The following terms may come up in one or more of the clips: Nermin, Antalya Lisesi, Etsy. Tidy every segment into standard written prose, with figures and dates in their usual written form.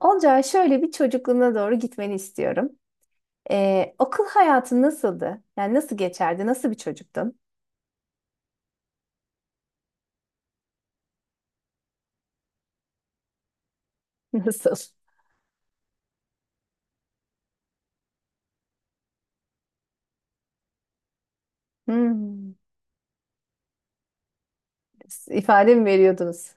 Olcay, şöyle bir çocukluğuna doğru gitmeni istiyorum. Okul hayatın nasıldı? Yani nasıl geçerdi? Nasıl bir çocuktun? Nasıl? Hmm. İfade mi veriyordunuz?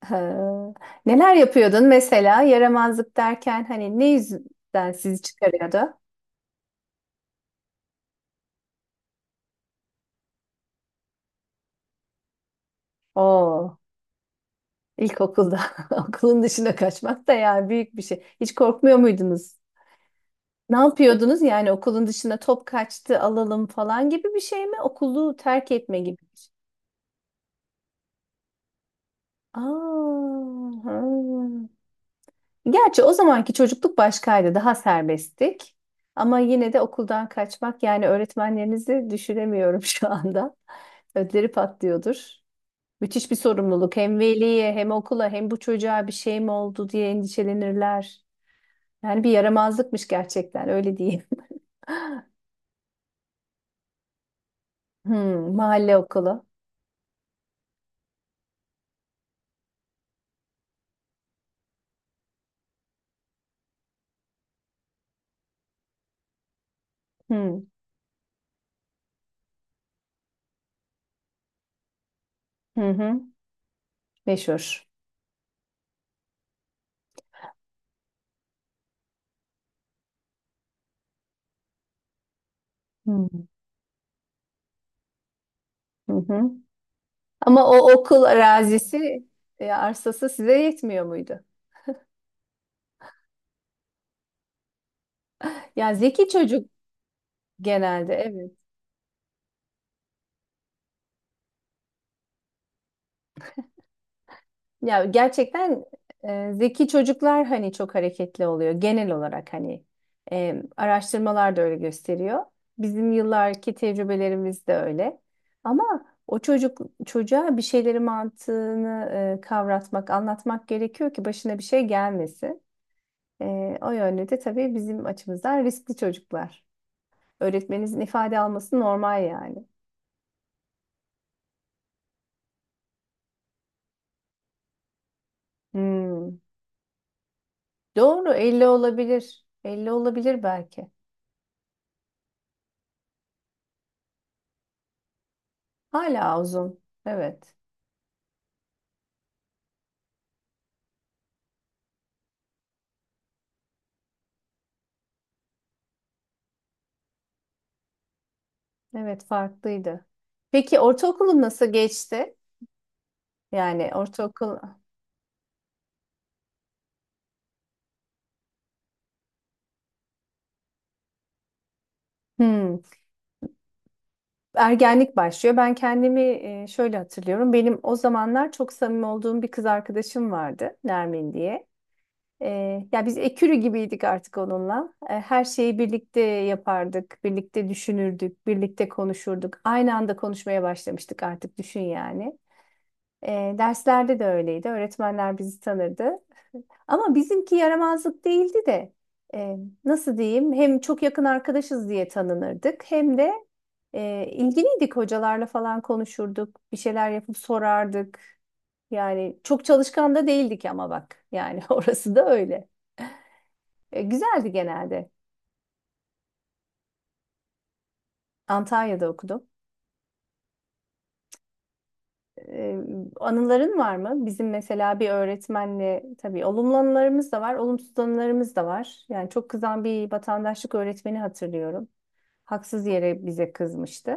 Ha. Neler yapıyordun mesela? Yaramazlık derken hani ne yüzden sizi çıkarıyordu? Oo, ilkokulda okulun dışına kaçmak da yani büyük bir şey. Hiç korkmuyor muydunuz? Ne yapıyordunuz? Yani okulun dışına top kaçtı alalım falan gibi bir şey mi? Okulu terk etme gibi. Aa, ha. Gerçi o zamanki çocukluk başkaydı, daha serbesttik. Ama yine de okuldan kaçmak yani öğretmenlerinizi düşünemiyorum şu anda. Ödleri patlıyordur. Müthiş bir sorumluluk. Hem veliye hem okula hem bu çocuğa bir şey mi oldu diye endişelenirler. Yani bir yaramazlıkmış gerçekten, öyle diyeyim. Hmm, mahalle okulu. Hmm. Hı hı. Meşhur. Hmm. Hı hı. Ama o okul arazisi, arsası size yetmiyor muydu? Ya zeki çocuk genelde, evet. Ya gerçekten zeki çocuklar hani çok hareketli oluyor genel olarak, hani araştırmalar da öyle gösteriyor. Bizim yıllarki tecrübelerimiz de öyle. Ama o çocuk çocuğa bir şeyleri mantığını kavratmak, anlatmak gerekiyor ki başına bir şey gelmesin. O yönde de tabii bizim açımızdan riskli çocuklar. Öğretmeninizin ifade alması normal yani. Hmm. Doğru, 50 olabilir. Elli olabilir belki. Hala uzun. Evet. Evet, farklıydı. Peki ortaokulun nasıl geçti? Yani ortaokul. Hmm. Ergenlik başlıyor. Ben kendimi şöyle hatırlıyorum. Benim o zamanlar çok samimi olduğum bir kız arkadaşım vardı, Nermin diye. E, Ya biz ekürü gibiydik artık onunla. Her şeyi birlikte yapardık, birlikte düşünürdük, birlikte konuşurduk. Aynı anda konuşmaya başlamıştık artık, düşün yani. Derslerde de öyleydi. Öğretmenler bizi tanırdı. Ama bizimki yaramazlık değildi de e, nasıl diyeyim, hem çok yakın arkadaşız diye tanınırdık hem de ilgiliydik, hocalarla falan konuşurduk. Bir şeyler yapıp sorardık. Yani çok çalışkan da değildik ama bak yani orası da öyle. Güzeldi genelde. Antalya'da okudum. Ee, Anıların var mı? Bizim mesela bir öğretmenle tabii olumlu anılarımız da var, olumsuz anılarımız da var. Yani çok kızan bir vatandaşlık öğretmeni hatırlıyorum. Haksız yere bize kızmıştı.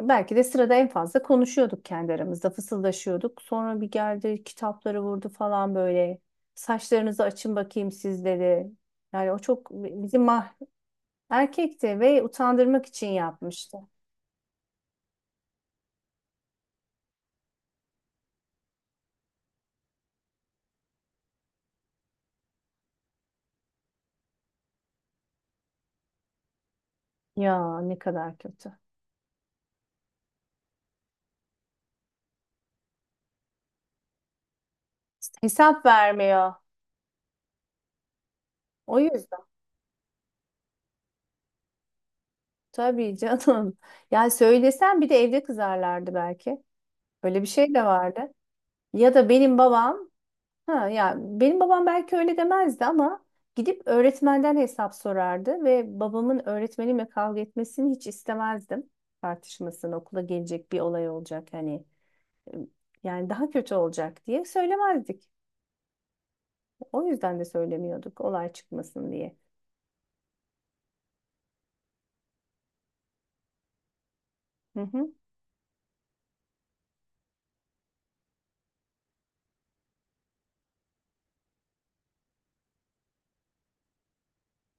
Belki de sırada en fazla konuşuyorduk kendi aramızda, fısıldaşıyorduk. Sonra bir geldi, kitapları vurdu falan böyle. Saçlarınızı açın bakayım siz, dedi. Yani o çok bizim mah Erkekti ve utandırmak için yapmıştı. Ya, ne kadar kötü. Hesap vermiyor. O yüzden. Tabii canım. Yani söylesen bir de evde kızarlardı belki. Öyle bir şey de vardı. Ya da benim babam, ha ya benim babam belki öyle demezdi ama gidip öğretmenden hesap sorardı ve babamın öğretmenimle kavga etmesini hiç istemezdim. Tartışmasını, okula gelecek bir olay olacak, hani e, yani daha kötü olacak diye söylemezdik. O yüzden de söylemiyorduk, olay çıkmasın diye. Hı hı.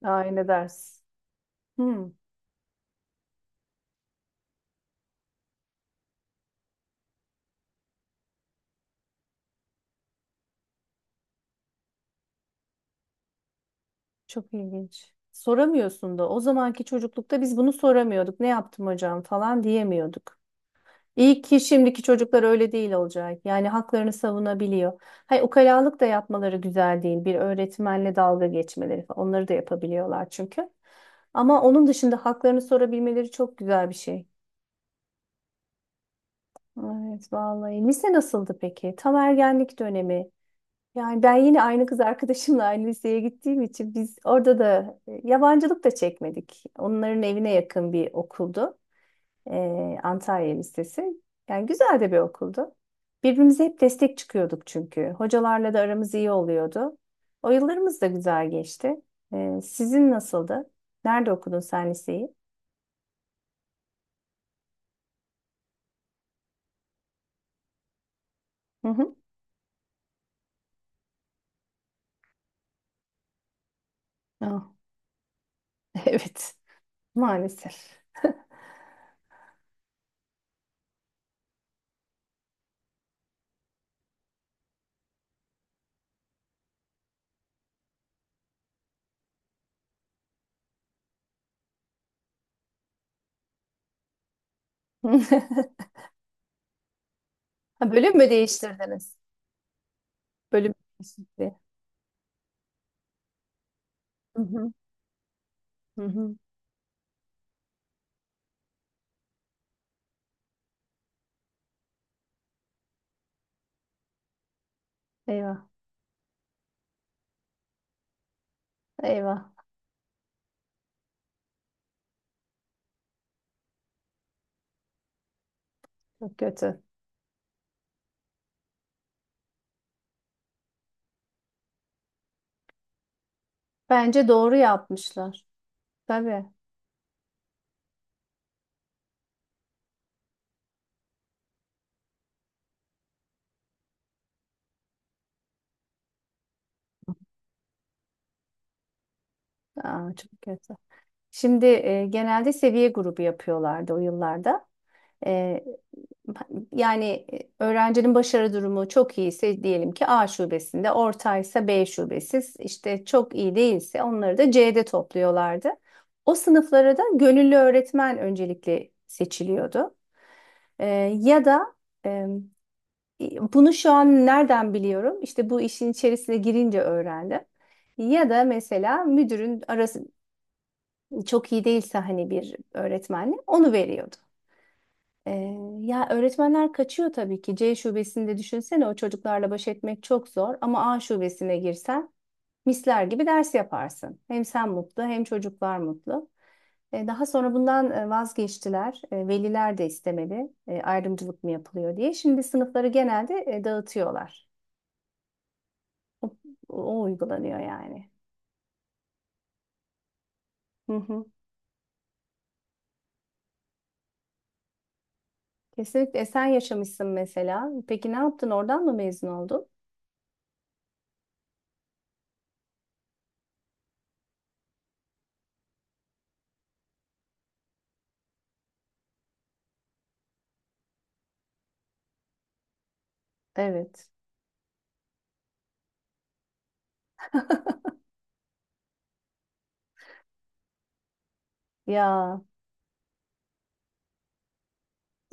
Aynı ders. Hı. Çok ilginç. Soramıyorsun da. O zamanki çocuklukta biz bunu soramıyorduk. Ne yaptım hocam falan diyemiyorduk. İyi ki şimdiki çocuklar öyle değil, olacak. Yani haklarını savunabiliyor. Hay, ukalalık da yapmaları güzel değil. Bir öğretmenle dalga geçmeleri falan. Onları da yapabiliyorlar çünkü. Ama onun dışında haklarını sorabilmeleri çok güzel bir şey. Evet vallahi. Lise nasıldı peki? Tam ergenlik dönemi. Yani ben yine aynı kız arkadaşımla aynı liseye gittiğim için biz orada da yabancılık da çekmedik. Onların evine yakın bir okuldu. Antalya Lisesi. Yani güzel de bir okuldu. Birbirimize hep destek çıkıyorduk çünkü. Hocalarla da aramız iyi oluyordu. O yıllarımız da güzel geçti. Sizin nasıldı? Nerede okudun sen liseyi? Hı hı. Ah, evet, maalesef. Ha, bölüm mü değiştirdiniz? Bölüm değişikliği. Hı hı. Hı hı. Eyvah. Eyvah, çok kötü. Bence doğru yapmışlar. Tabii. Aa, çok kötü. Şimdi genelde seviye grubu yapıyorlardı o yıllarda. E, Yani öğrencinin başarı durumu çok iyiyse diyelim ki A şubesinde, ortaysa B şubesi, işte çok iyi değilse onları da C'de topluyorlardı. O sınıflara da gönüllü öğretmen öncelikle seçiliyordu. E, Ya da e, bunu şu an nereden biliyorum? İşte bu işin içerisine girince öğrendim. Ya da mesela müdürün arası çok iyi değilse hani bir öğretmenle onu veriyordu. Ee, Ya öğretmenler kaçıyor tabii ki. C şubesinde düşünsene, o çocuklarla baş etmek çok zor ama A şubesine girsen misler gibi ders yaparsın. Hem sen mutlu hem çocuklar mutlu. Daha sonra bundan vazgeçtiler. E, veliler de istemedi. E, ayrımcılık mı yapılıyor diye. Şimdi sınıfları genelde dağıtıyorlar. O, o uygulanıyor yani. Hı hı. Kesinlikle. E, sen yaşamışsın mesela. Peki ne yaptın? Oradan mı mezun oldun? Evet. Ya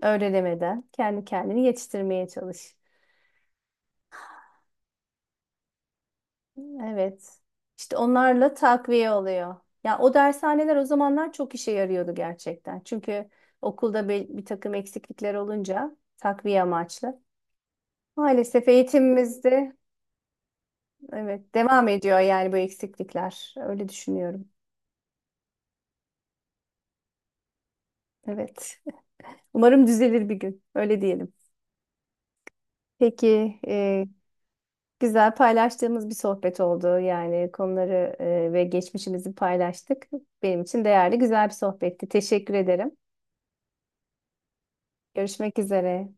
öyle demeden kendi kendini yetiştirmeye çalış. Evet. İşte onlarla takviye oluyor. Ya o dershaneler o zamanlar çok işe yarıyordu gerçekten. Çünkü okulda bir takım eksiklikler olunca takviye amaçlı. Maalesef eğitimimizde evet devam ediyor yani bu eksiklikler. Öyle düşünüyorum. Evet. Umarım düzelir bir gün. Öyle diyelim. Peki, güzel paylaştığımız bir sohbet oldu. Yani konuları ve geçmişimizi paylaştık. Benim için değerli, güzel bir sohbetti. Teşekkür ederim. Görüşmek üzere.